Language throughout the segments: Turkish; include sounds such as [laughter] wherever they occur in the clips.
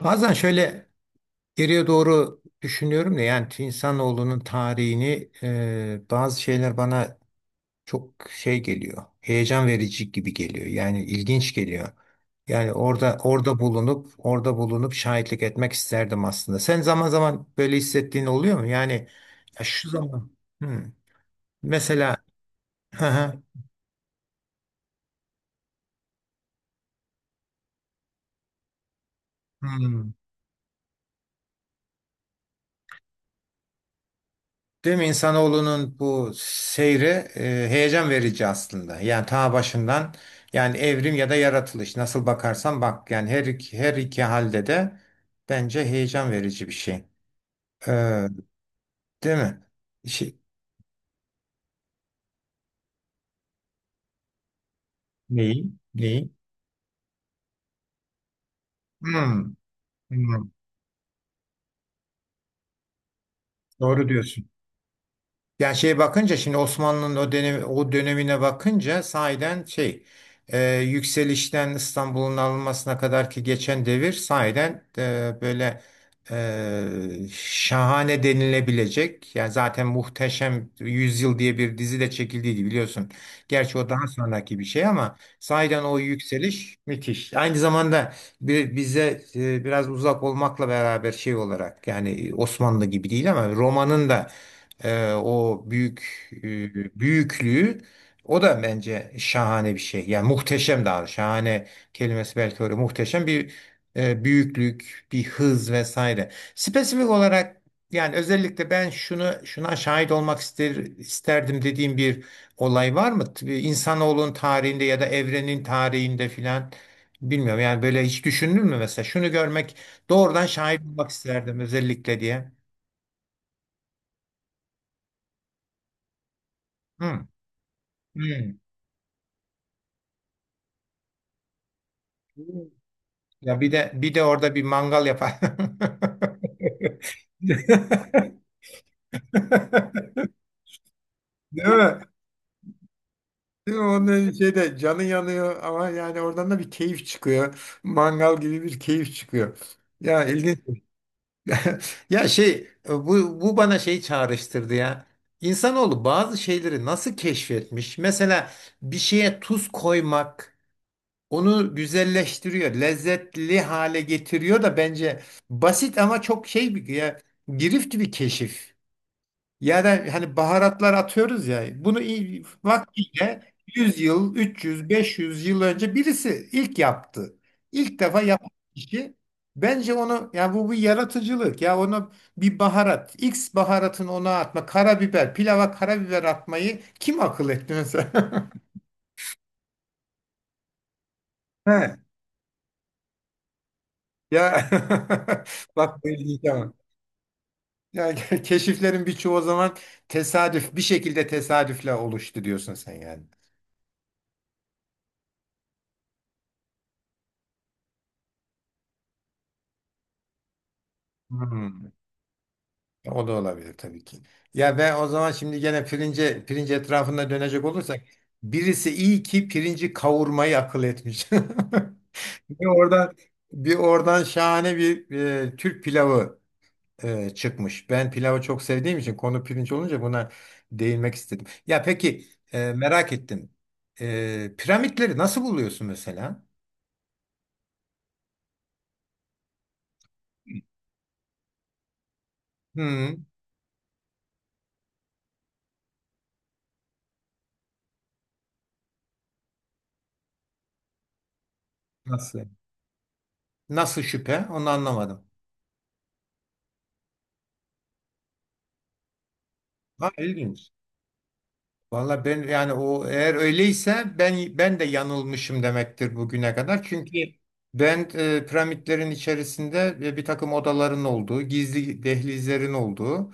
Bazen şöyle geriye doğru düşünüyorum da yani insanoğlunun tarihini bazı şeyler bana çok şey geliyor. Heyecan verici gibi geliyor. Yani ilginç geliyor. Yani orada bulunup şahitlik etmek isterdim aslında. Sen zaman zaman böyle hissettiğin oluyor mu? Yani ya şu zaman. Hmm. Mesela [laughs] hı hı. Hmm. Değil mi? İnsanoğlunun bu seyri e, heyecan verici aslında. Yani ta başından yani evrim ya da yaratılış nasıl bakarsan bak yani her iki halde de bence heyecan verici bir şey. Ee, değil mi? Şey, neyi? Neyi? Hmm, hmm. Doğru diyorsun. Yani şeye bakınca şimdi Osmanlı'nın o dönemi, o dönemine bakınca sahiden şey yükselişten İstanbul'un alınmasına kadar ki geçen devir sahiden böyle şahane denilebilecek. Yani zaten Muhteşem Yüzyıl diye bir dizi de çekildiydi biliyorsun. Gerçi o daha sonraki bir şey ama sahiden o yükseliş müthiş. Aynı zamanda bir, bize biraz uzak olmakla beraber şey olarak yani Osmanlı gibi değil ama Roma'nın da o büyük büyüklüğü o da bence şahane bir şey. Yani muhteşem daha şahane kelimesi belki öyle muhteşem bir büyüklük, bir hız vesaire. Spesifik olarak yani özellikle ben şunu şuna şahit olmak isterdim dediğim bir olay var mı? İnsanoğlunun tarihinde ya da evrenin tarihinde filan bilmiyorum. Yani böyle hiç düşündün mü mesela? Şunu görmek doğrudan şahit olmak isterdim özellikle diye. Hı. Hı. Ya bir de bir de orada bir mangal yapar. [laughs] Değil mi? Değil mi? Onun şeyde canı yanıyor ama yani oradan da bir keyif çıkıyor. Mangal gibi bir keyif çıkıyor. Ya ilginç. [laughs] Ya şey bu bana şey çağrıştırdı ya. İnsanoğlu bazı şeyleri nasıl keşfetmiş? Mesela bir şeye tuz koymak onu güzelleştiriyor, lezzetli hale getiriyor da bence basit ama çok şey bir ya girift bir keşif. Yani hani baharatlar atıyoruz ya bunu vaktiyle 100 yıl, 300, 500 yıl önce birisi ilk yaptı. İlk defa yapan kişi bence onu yani bu bir yaratıcılık ya ona bir baharat X baharatını ona atma karabiber pilava karabiber atmayı kim akıl etti mesela? [laughs] He, ya [laughs] bak bu ilginç ama. Yani [laughs] keşiflerin birçoğu o zaman tesadüf bir şekilde tesadüfle oluştu diyorsun sen yani. Hmm. O da olabilir tabii ki. Ya ve o zaman şimdi gene pirinç etrafında dönecek olursak birisi iyi ki pirinci kavurmayı akıl etmiş. [laughs] Bir oradan bir oradan şahane bir Türk pilavı çıkmış. Ben pilavı çok sevdiğim için konu pirinç olunca buna değinmek istedim. Ya peki merak ettim. Piramitleri nasıl buluyorsun mesela? Hmm, nasıl? Nasıl şüphe? Onu anlamadım. Ha, ilginç. Valla ben yani o eğer öyleyse ben de yanılmışım demektir bugüne kadar. Çünkü ben piramitlerin içerisinde bir takım odaların olduğu, gizli dehlizlerin olduğu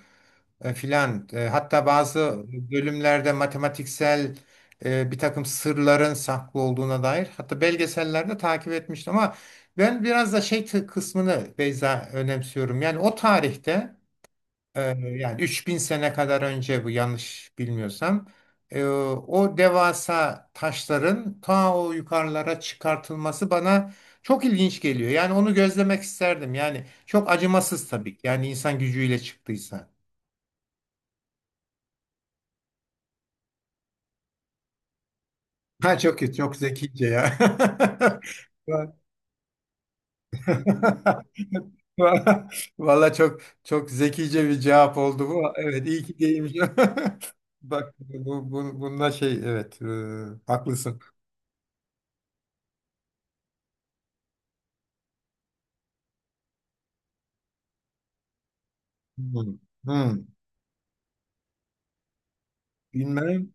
filan hatta bazı bölümlerde matematiksel bir takım sırların saklı olduğuna dair hatta belgesellerde takip etmiştim ama ben biraz da şey kısmını Beyza önemsiyorum. Yani o tarihte ee, yani 3.000 sene kadar önce bu yanlış bilmiyorsam. O devasa taşların ta o yukarılara çıkartılması bana çok ilginç geliyor. Yani onu gözlemek isterdim. Yani çok acımasız tabii ki. Yani insan gücüyle çıktıysa. Ha çok kötü, çok zekice ya. [laughs] Valla çok çok zekice bir cevap oldu bu. Evet iyi ki değilmiş. [laughs] Bak bu, bununla şey evet haklısın. Hmm, hmm, bilmem.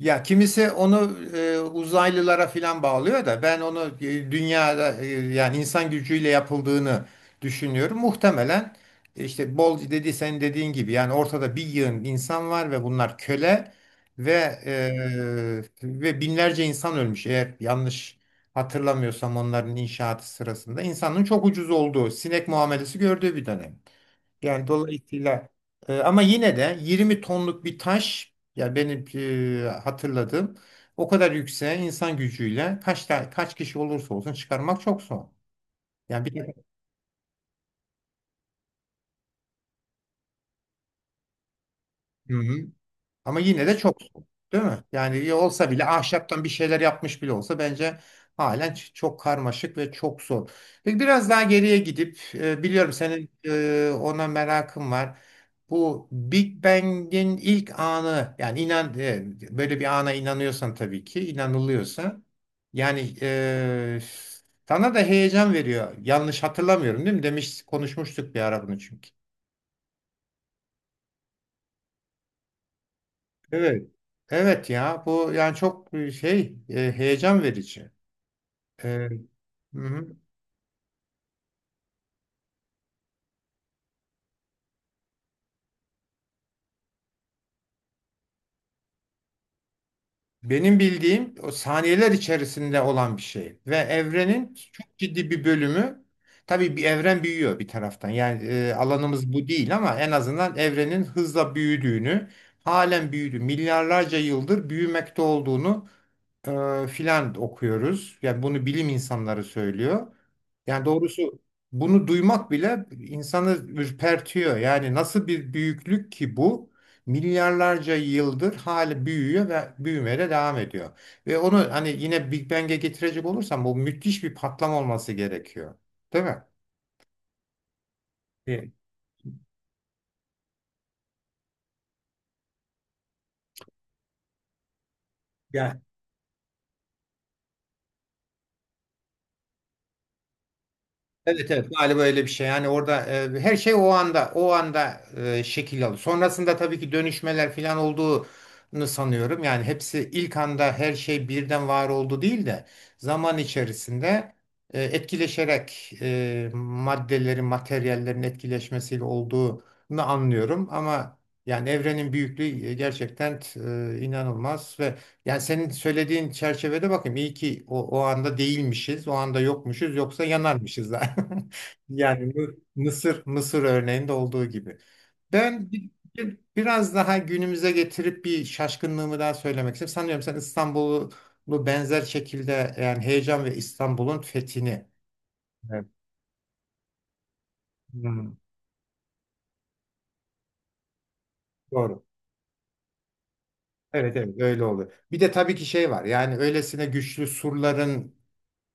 Ya kimisi onu uzaylılara filan bağlıyor da ben onu dünyada yani insan gücüyle yapıldığını düşünüyorum. Muhtemelen işte bol dedi sen dediğin gibi yani ortada bir yığın insan var ve bunlar köle ve ve binlerce insan ölmüş. Eğer yanlış hatırlamıyorsam onların inşaatı sırasında insanın çok ucuz olduğu sinek muamelesi gördüğü bir dönem. Yani dolayısıyla ama yine de 20 tonluk bir taş ya benim hatırladığım o kadar yükseğe insan gücüyle kaç kişi olursa olsun çıkarmak çok zor. Yani bir. Hı hı. Ama yine de çok soğuk, değil mi? Yani iyi olsa bile ahşaptan bir şeyler yapmış bile olsa bence halen çok karmaşık ve çok zor. Peki biraz daha geriye gidip biliyorum senin ona merakın var. Bu Big Bang'in ilk anı yani inan böyle bir ana inanıyorsan tabii ki inanılıyorsa yani sana da heyecan veriyor. Yanlış hatırlamıyorum değil mi? Demiş konuşmuştuk bir ara bunu çünkü. Evet. Evet ya bu yani çok şey heyecan verici. E, hı hı. Benim bildiğim o saniyeler içerisinde olan bir şey ve evrenin çok ciddi bir bölümü tabii bir evren büyüyor bir taraftan. Yani alanımız bu değil ama en azından evrenin hızla büyüdüğünü, halen büyüdü, milyarlarca yıldır büyümekte olduğunu filan okuyoruz. Yani bunu bilim insanları söylüyor. Yani doğrusu bunu duymak bile insanı ürpertiyor. Yani nasıl bir büyüklük ki bu? Milyarlarca yıldır hali büyüyor ve büyümeye de devam ediyor. Ve onu hani yine Big Bang'e getirecek olursam bu müthiş bir patlama olması gerekiyor. Değil mi? Bir- Evet evet galiba öyle bir şey. Yani orada her şey o anda şekil alıyor. Sonrasında tabii ki dönüşmeler falan olduğunu sanıyorum. Yani hepsi ilk anda her şey birden var oldu değil de zaman içerisinde etkileşerek maddelerin, materyallerin etkileşmesiyle olduğunu anlıyorum. Ama yani evrenin büyüklüğü gerçekten inanılmaz ve yani senin söylediğin çerçevede bakayım iyi ki o anda değilmişiz, o anda yokmuşuz yoksa yanarmışız da. [laughs] Yani bu Mısır örneğinde olduğu gibi. Ben biraz daha günümüze getirip bir şaşkınlığımı daha söylemek istiyorum. Sanıyorum sen İstanbul'u bu benzer şekilde yani heyecan ve İstanbul'un fethini. Evet. Hmm, doğru. Evet evet öyle oluyor. Bir de tabii ki şey var yani öylesine güçlü surların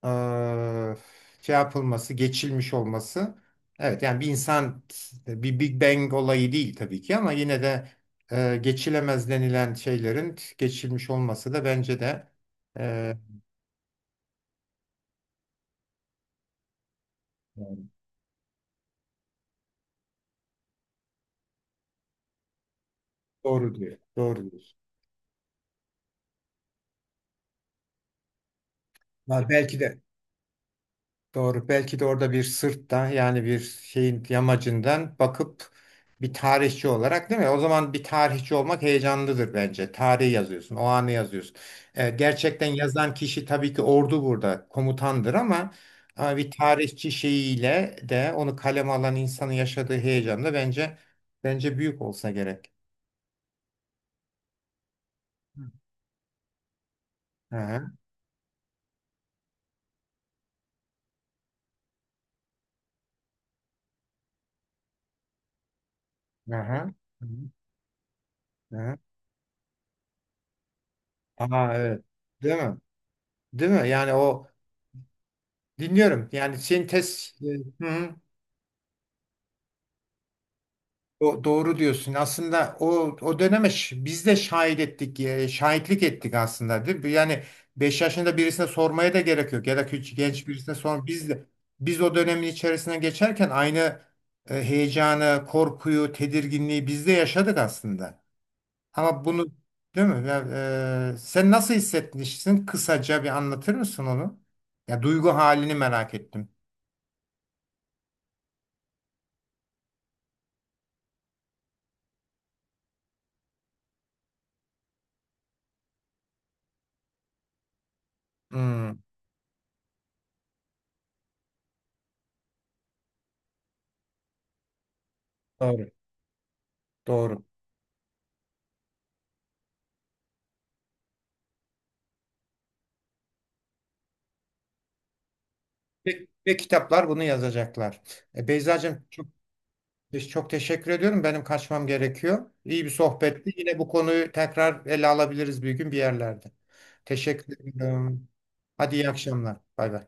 eee, şey yapılması, geçilmiş olması. Evet yani bir insan bir Big Bang olayı değil tabii ki ama yine de geçilemez denilen şeylerin geçilmiş olması da bence de eee, doğru diyor. Doğru diyor. Var belki de. Doğru. Belki de orada bir sırttan yani bir şeyin yamacından bakıp bir tarihçi olarak değil mi? O zaman bir tarihçi olmak heyecanlıdır bence. Tarihi yazıyorsun, o anı yazıyorsun. Gerçekten yazan kişi tabii ki ordu burada komutandır ama, ama bir tarihçi şeyiyle de onu kaleme alan insanın yaşadığı heyecan da bence büyük olsa gerek. Aha, aha, aha. Aa, evet. Değil mi? Değil mi? Yani o dinliyorum. Yani sintez. Hı hı. O doğru diyorsun. Aslında o döneme biz de şahit ettik, şahitlik ettik aslında değil mi? Yani 5 yaşında birisine sormaya da gerek yok ya da küçük genç birisine sor. Biz o dönemin içerisine geçerken aynı heyecanı, korkuyu, tedirginliği biz de yaşadık aslında. Ama bunu değil mi? Ya, sen nasıl hissetmişsin? Kısaca bir anlatır mısın onu? Ya duygu halini merak ettim. Hmm, doğru, doğru. Ve kitaplar bunu yazacaklar. Beyzacığım çok, çok teşekkür ediyorum. Benim kaçmam gerekiyor. İyi bir sohbetti. Yine bu konuyu tekrar ele alabiliriz bir gün bir yerlerde. Teşekkür ederim. Hadi iyi akşamlar. Bay bay.